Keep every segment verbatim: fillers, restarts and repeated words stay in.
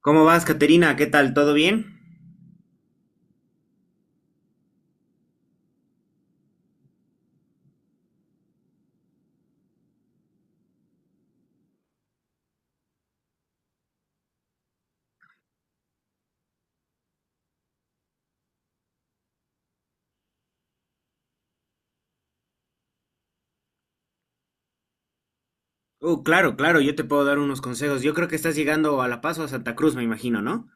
¿Cómo vas, Caterina? ¿Qué tal? ¿Todo bien? Uh, claro, claro, yo te puedo dar unos consejos. Yo creo que estás llegando a La Paz o a Santa Cruz, me imagino, ¿no?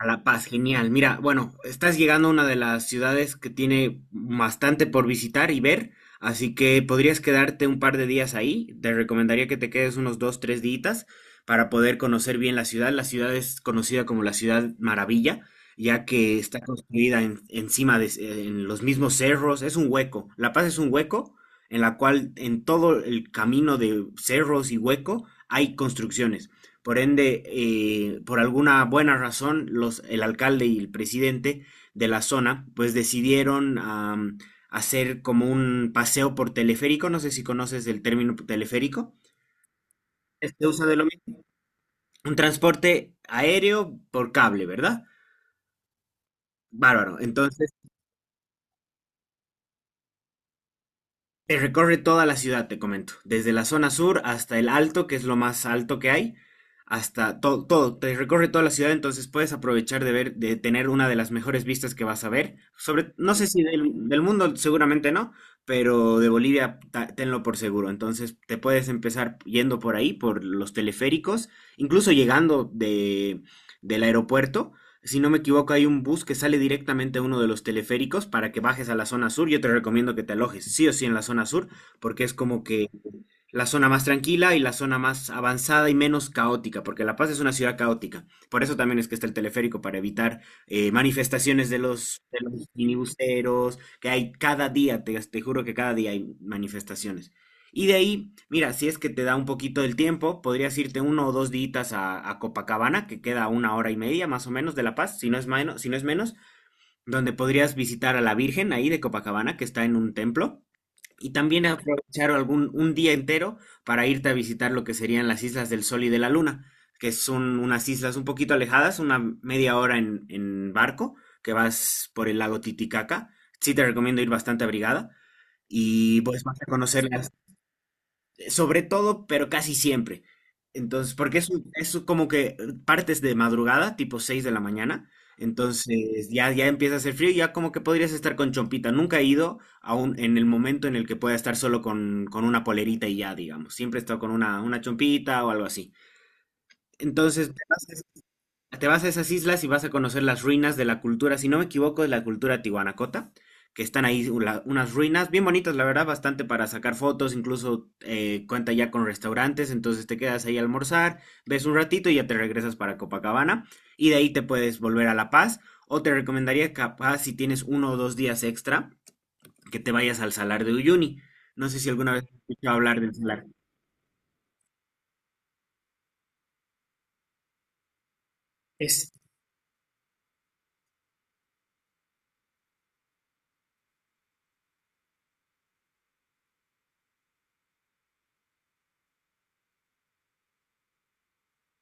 A La Paz, genial. Mira, bueno, estás llegando a una de las ciudades que tiene bastante por visitar y ver, así que podrías quedarte un par de días ahí. Te recomendaría que te quedes unos dos, tres días para poder conocer bien la ciudad. La ciudad es conocida como la Ciudad Maravilla, ya que está construida en- encima de en los mismos cerros. Es un hueco. La Paz es un hueco en la cual en todo el camino de cerros y hueco hay construcciones. Por ende, eh, por alguna buena razón, los, el alcalde y el presidente de la zona, pues decidieron am, hacer como un paseo por teleférico. No sé si conoces el término teleférico. Se usa de lo mismo. Un transporte aéreo por cable, ¿verdad? Bárbaro. Entonces, Eh, recorre toda la ciudad, te comento, desde la zona sur hasta el alto, que es lo más alto que hay, hasta todo, todo, te recorre toda la ciudad, entonces puedes aprovechar de ver, de tener una de las mejores vistas que vas a ver, sobre, no sé si del, del mundo seguramente no, pero de Bolivia ta- tenlo por seguro, entonces te puedes empezar yendo por ahí, por los teleféricos, incluso llegando de, del aeropuerto, si no me equivoco, hay un bus que sale directamente a uno de los teleféricos para que bajes a la zona sur. Yo te recomiendo que te alojes sí o sí en la zona sur, porque es como que la zona más tranquila y la zona más avanzada y menos caótica, porque La Paz es una ciudad caótica. Por eso también es que está el teleférico, para evitar eh, manifestaciones de los, de los minibuseros, que hay cada día, te, te juro que cada día hay manifestaciones. Y de ahí, mira, si es que te da un poquito del tiempo, podrías irte uno o dos días a, a Copacabana, que queda a una hora y media más o menos de La Paz, si no es menos, si no es menos, donde podrías visitar a la Virgen ahí de Copacabana, que está en un templo y también aprovechar algún un día entero para irte a visitar lo que serían las islas del Sol y de la Luna, que son unas islas un poquito alejadas, una media hora en, en barco, que vas por el lago Titicaca. Sí te recomiendo ir bastante abrigada y pues vas a conocer las sobre todo, pero casi siempre. Entonces, porque es, un- es como que eh, partes de madrugada, tipo seis de la mañana. Entonces, ya, ya empieza a hacer frío y ya como que podrías estar con chompita. Nunca he ido aún en el momento en el que pueda estar solo con, con una polerita y ya, digamos. Siempre he estado con una, una chompita o algo así. Entonces, te vas te vas a esas islas y vas a conocer las ruinas de la cultura, si no me equivoco, de la cultura tihuanacota, que están ahí ula- unas ruinas bien bonitas, la verdad, bastante para sacar fotos, incluso eh, cuenta ya con restaurantes, entonces te quedas ahí a almorzar, ves un ratito y ya te regresas para Copacabana, y de ahí te puedes volver a La Paz, o te recomendaría capaz si tienes uno o dos días extra, que te vayas al Salar de Uyuni. No sé si alguna vez has escuchado hablar del Salar.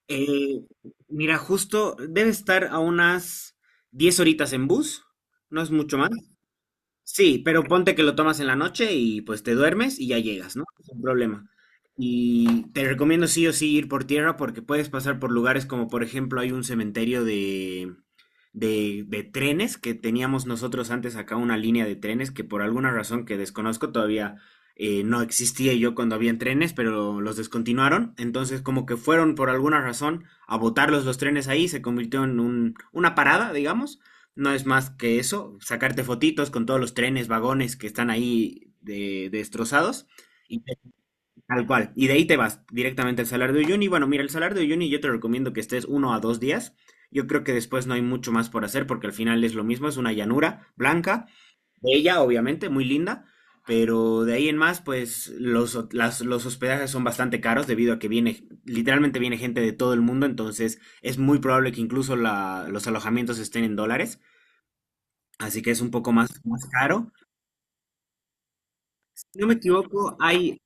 Eh, mira, justo debe estar a unas diez horitas en bus, no es mucho más. Sí, pero ponte que lo tomas en la noche y pues te duermes y ya llegas, ¿no? Sin problema. Y te recomiendo sí o sí ir por tierra porque puedes pasar por lugares como por ejemplo hay un cementerio de, de, de trenes que teníamos nosotros antes acá una línea de trenes que por alguna razón que desconozco todavía eh, no existía yo cuando habían trenes, pero los descontinuaron. Entonces como que fueron por alguna razón a botarlos los trenes ahí, se convirtió en un- una parada, digamos, no es más que eso, sacarte fotitos con todos los trenes, vagones que están ahí de- destrozados y te- tal cual. Y de ahí te vas directamente al Salar de Uyuni. Bueno, mira, el Salar de Uyuni yo te recomiendo que estés uno a dos días. Yo creo que después no hay mucho más por hacer porque al final es lo mismo, es una llanura blanca, bella, obviamente, muy linda, pero de ahí en más, pues los, ho- las- los hospedajes son bastante caros debido a que viene, literalmente viene gente de todo el mundo, entonces es muy probable que incluso la- los alojamientos estén en dólares. Así que es un poco más, más caro. Si no me equivoco, hay,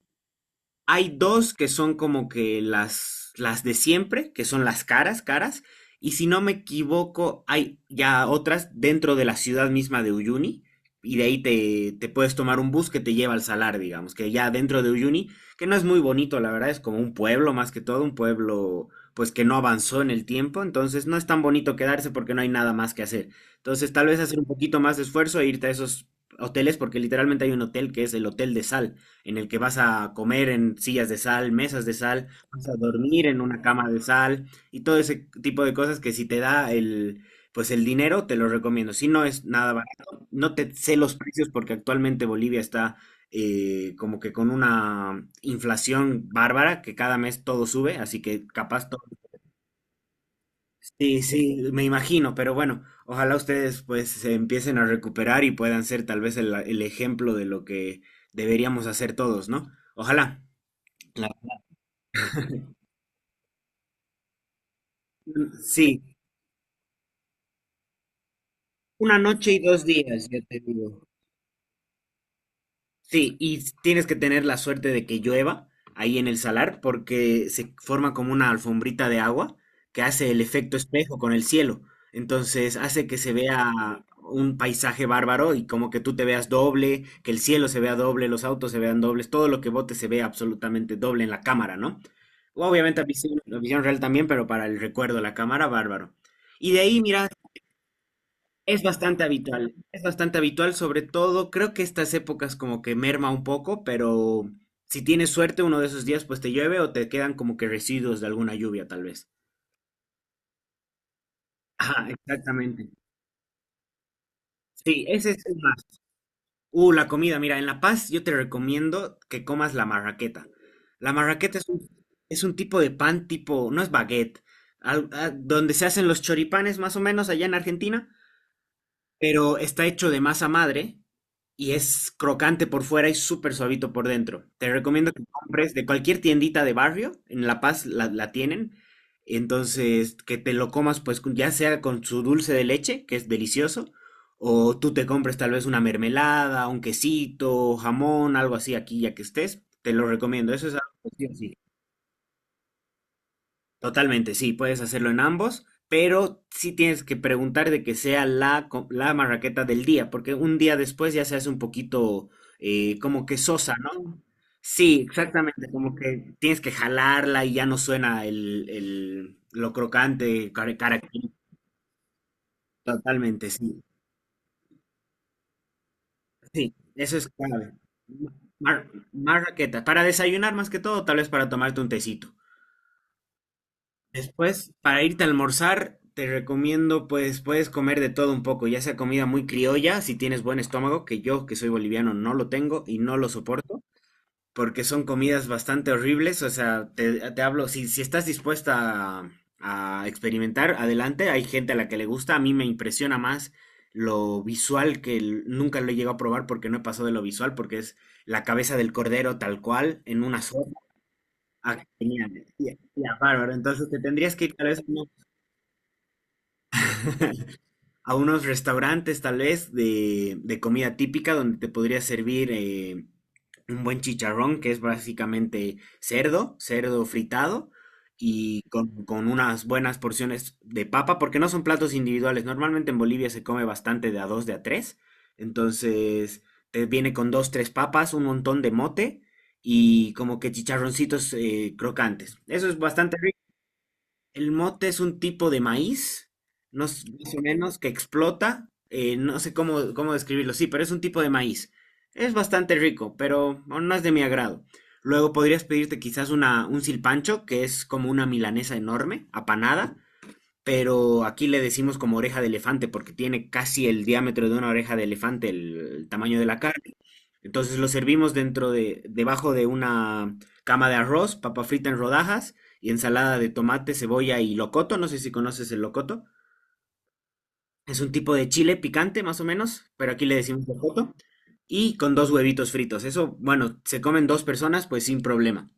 hay dos que son como que las, las de siempre, que son las caras, caras. Y si no me equivoco, hay ya otras dentro de la ciudad misma de Uyuni. Y de ahí te, te puedes tomar un bus que te lleva al salar, digamos, que ya dentro de Uyuni, que no es muy bonito, la verdad, es como un pueblo más que todo, un pueblo pues que no avanzó en el tiempo, entonces no es tan bonito quedarse porque no hay nada más que hacer. Entonces tal vez hacer un poquito más de esfuerzo e irte a esos hoteles, porque literalmente hay un hotel que es el Hotel de Sal, en el que vas a comer en sillas de sal, mesas de sal, vas a dormir en una cama de sal y todo ese tipo de cosas que si te da el, pues el dinero, te lo recomiendo. Si no es nada barato, no te sé los precios porque actualmente Bolivia está eh, como que con una inflación bárbara que cada mes todo sube, así que capaz todo. Sí, sí, me imagino, pero bueno, ojalá ustedes pues se empiecen a recuperar y puedan ser tal vez el el ejemplo de lo que deberíamos hacer todos, ¿no? Ojalá. La- sí, una noche y dos días, ya te digo. Sí, y tienes que tener la suerte de que llueva ahí en el salar porque se forma como una alfombrita de agua que hace el efecto espejo con el cielo. Entonces hace que se vea un paisaje bárbaro y como que tú te veas doble, que el cielo se vea doble, los autos se vean dobles, todo lo que bote se vea absolutamente doble en la cámara, ¿no? Obviamente la visión, la visión real también, pero para el recuerdo, la cámara, bárbaro. Y de ahí, mira, es bastante habitual, es bastante habitual, sobre todo creo que estas épocas como que merma un poco, pero si tienes suerte uno de esos días pues te llueve o te quedan como que residuos de alguna lluvia tal vez. Ajá, exactamente. Sí, ese es el más. Uh, la comida, mira, en La Paz yo te recomiendo que comas la marraqueta. La marraqueta es un, es un tipo de pan tipo, no es baguette, al- a- donde se hacen los choripanes más o menos allá en Argentina. Pero está hecho de masa madre y es crocante por fuera y súper suavito por dentro. Te recomiendo que compres de cualquier tiendita de barrio, en La Paz la, la tienen, entonces que te lo comas pues con- ya sea con su dulce de leche, que es delicioso, o tú te compres tal vez una mermelada, un quesito, jamón, algo así aquí ya que estés, te lo recomiendo, eso es algo que sí o sí. Totalmente, sí, puedes hacerlo en ambos, pero sí tienes que preguntar de que sea la, co- la marraqueta del día, porque un día después ya se hace un poquito eh, como que sosa, ¿no? Sí, exactamente, como que tienes que jalarla y ya no suena el, el- lo crocante, cara- característico, totalmente, sí. Sí, eso es clave. Mar- marraqueta, para desayunar más que todo, tal vez para tomarte un tecito. Después, para irte a almorzar, te recomiendo, pues, puedes comer de todo un poco, ya sea comida muy criolla, si tienes buen estómago, que yo, que soy boliviano, no lo tengo y no lo soporto, porque son comidas bastante horribles, o sea, te, te hablo, si, si estás dispuesta a, a experimentar, adelante, hay gente a la que le gusta, a mí me impresiona más lo visual, que el- nunca lo he llegado a probar porque no he pasado de lo visual, porque es la cabeza del cordero tal cual, en una sopa. Ah, genial. Ya, ya, bárbaro. Entonces te tendrías que ir tal vez a unos restaurantes tal vez de, de comida típica donde te podría servir eh, un buen chicharrón, que es básicamente cerdo, cerdo fritado y con, con unas buenas porciones de papa, porque no son platos individuales. Normalmente en Bolivia se come bastante de a dos, de a tres. Entonces, te viene con dos, tres papas, un montón de mote y como que chicharroncitos eh, crocantes. Eso es bastante rico. El mote es un tipo de maíz, no s- más o menos, que explota. eh, no sé cómo, cómo describirlo, sí, pero es un tipo de maíz. Es bastante rico, pero bueno, no es de mi agrado. Luego podrías pedirte quizás una, un silpancho, que es como una milanesa enorme, apanada, pero aquí le decimos como oreja de elefante porque tiene casi el diámetro de una oreja de elefante, el, el tamaño de la carne. Entonces lo servimos dentro de, debajo de una cama de arroz, papa frita en rodajas y ensalada de tomate, cebolla y locoto. No sé si conoces el locoto. Es un tipo de chile picante, más o menos, pero aquí le decimos locoto. Y con dos huevitos fritos. Eso, bueno, se comen dos personas, pues sin problema.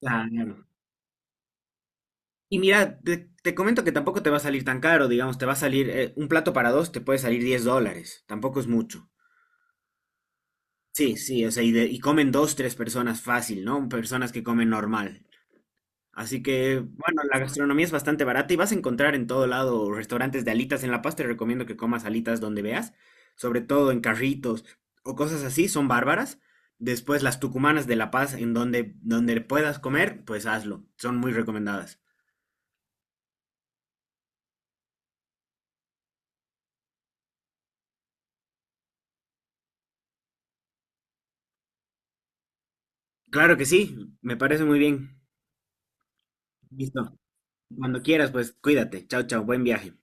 Claro. Y mira, te, te comento que tampoco te va a salir tan caro, digamos, te va a salir eh, un plato para dos, te puede salir diez dólares, tampoco es mucho. Sí, sí, o sea, y, de- y comen dos, tres personas fácil, ¿no? Personas que comen normal. Así que, bueno, la gastronomía es bastante barata y vas a encontrar en todo lado restaurantes de alitas. En La Paz te recomiendo que comas alitas donde veas, sobre todo en carritos o cosas así, son bárbaras. Después las tucumanas de La Paz, en donde, donde puedas comer, pues hazlo, son muy recomendadas. Claro que sí, me parece muy bien. Listo. Cuando quieras, pues cuídate. Chao, chao. Buen viaje.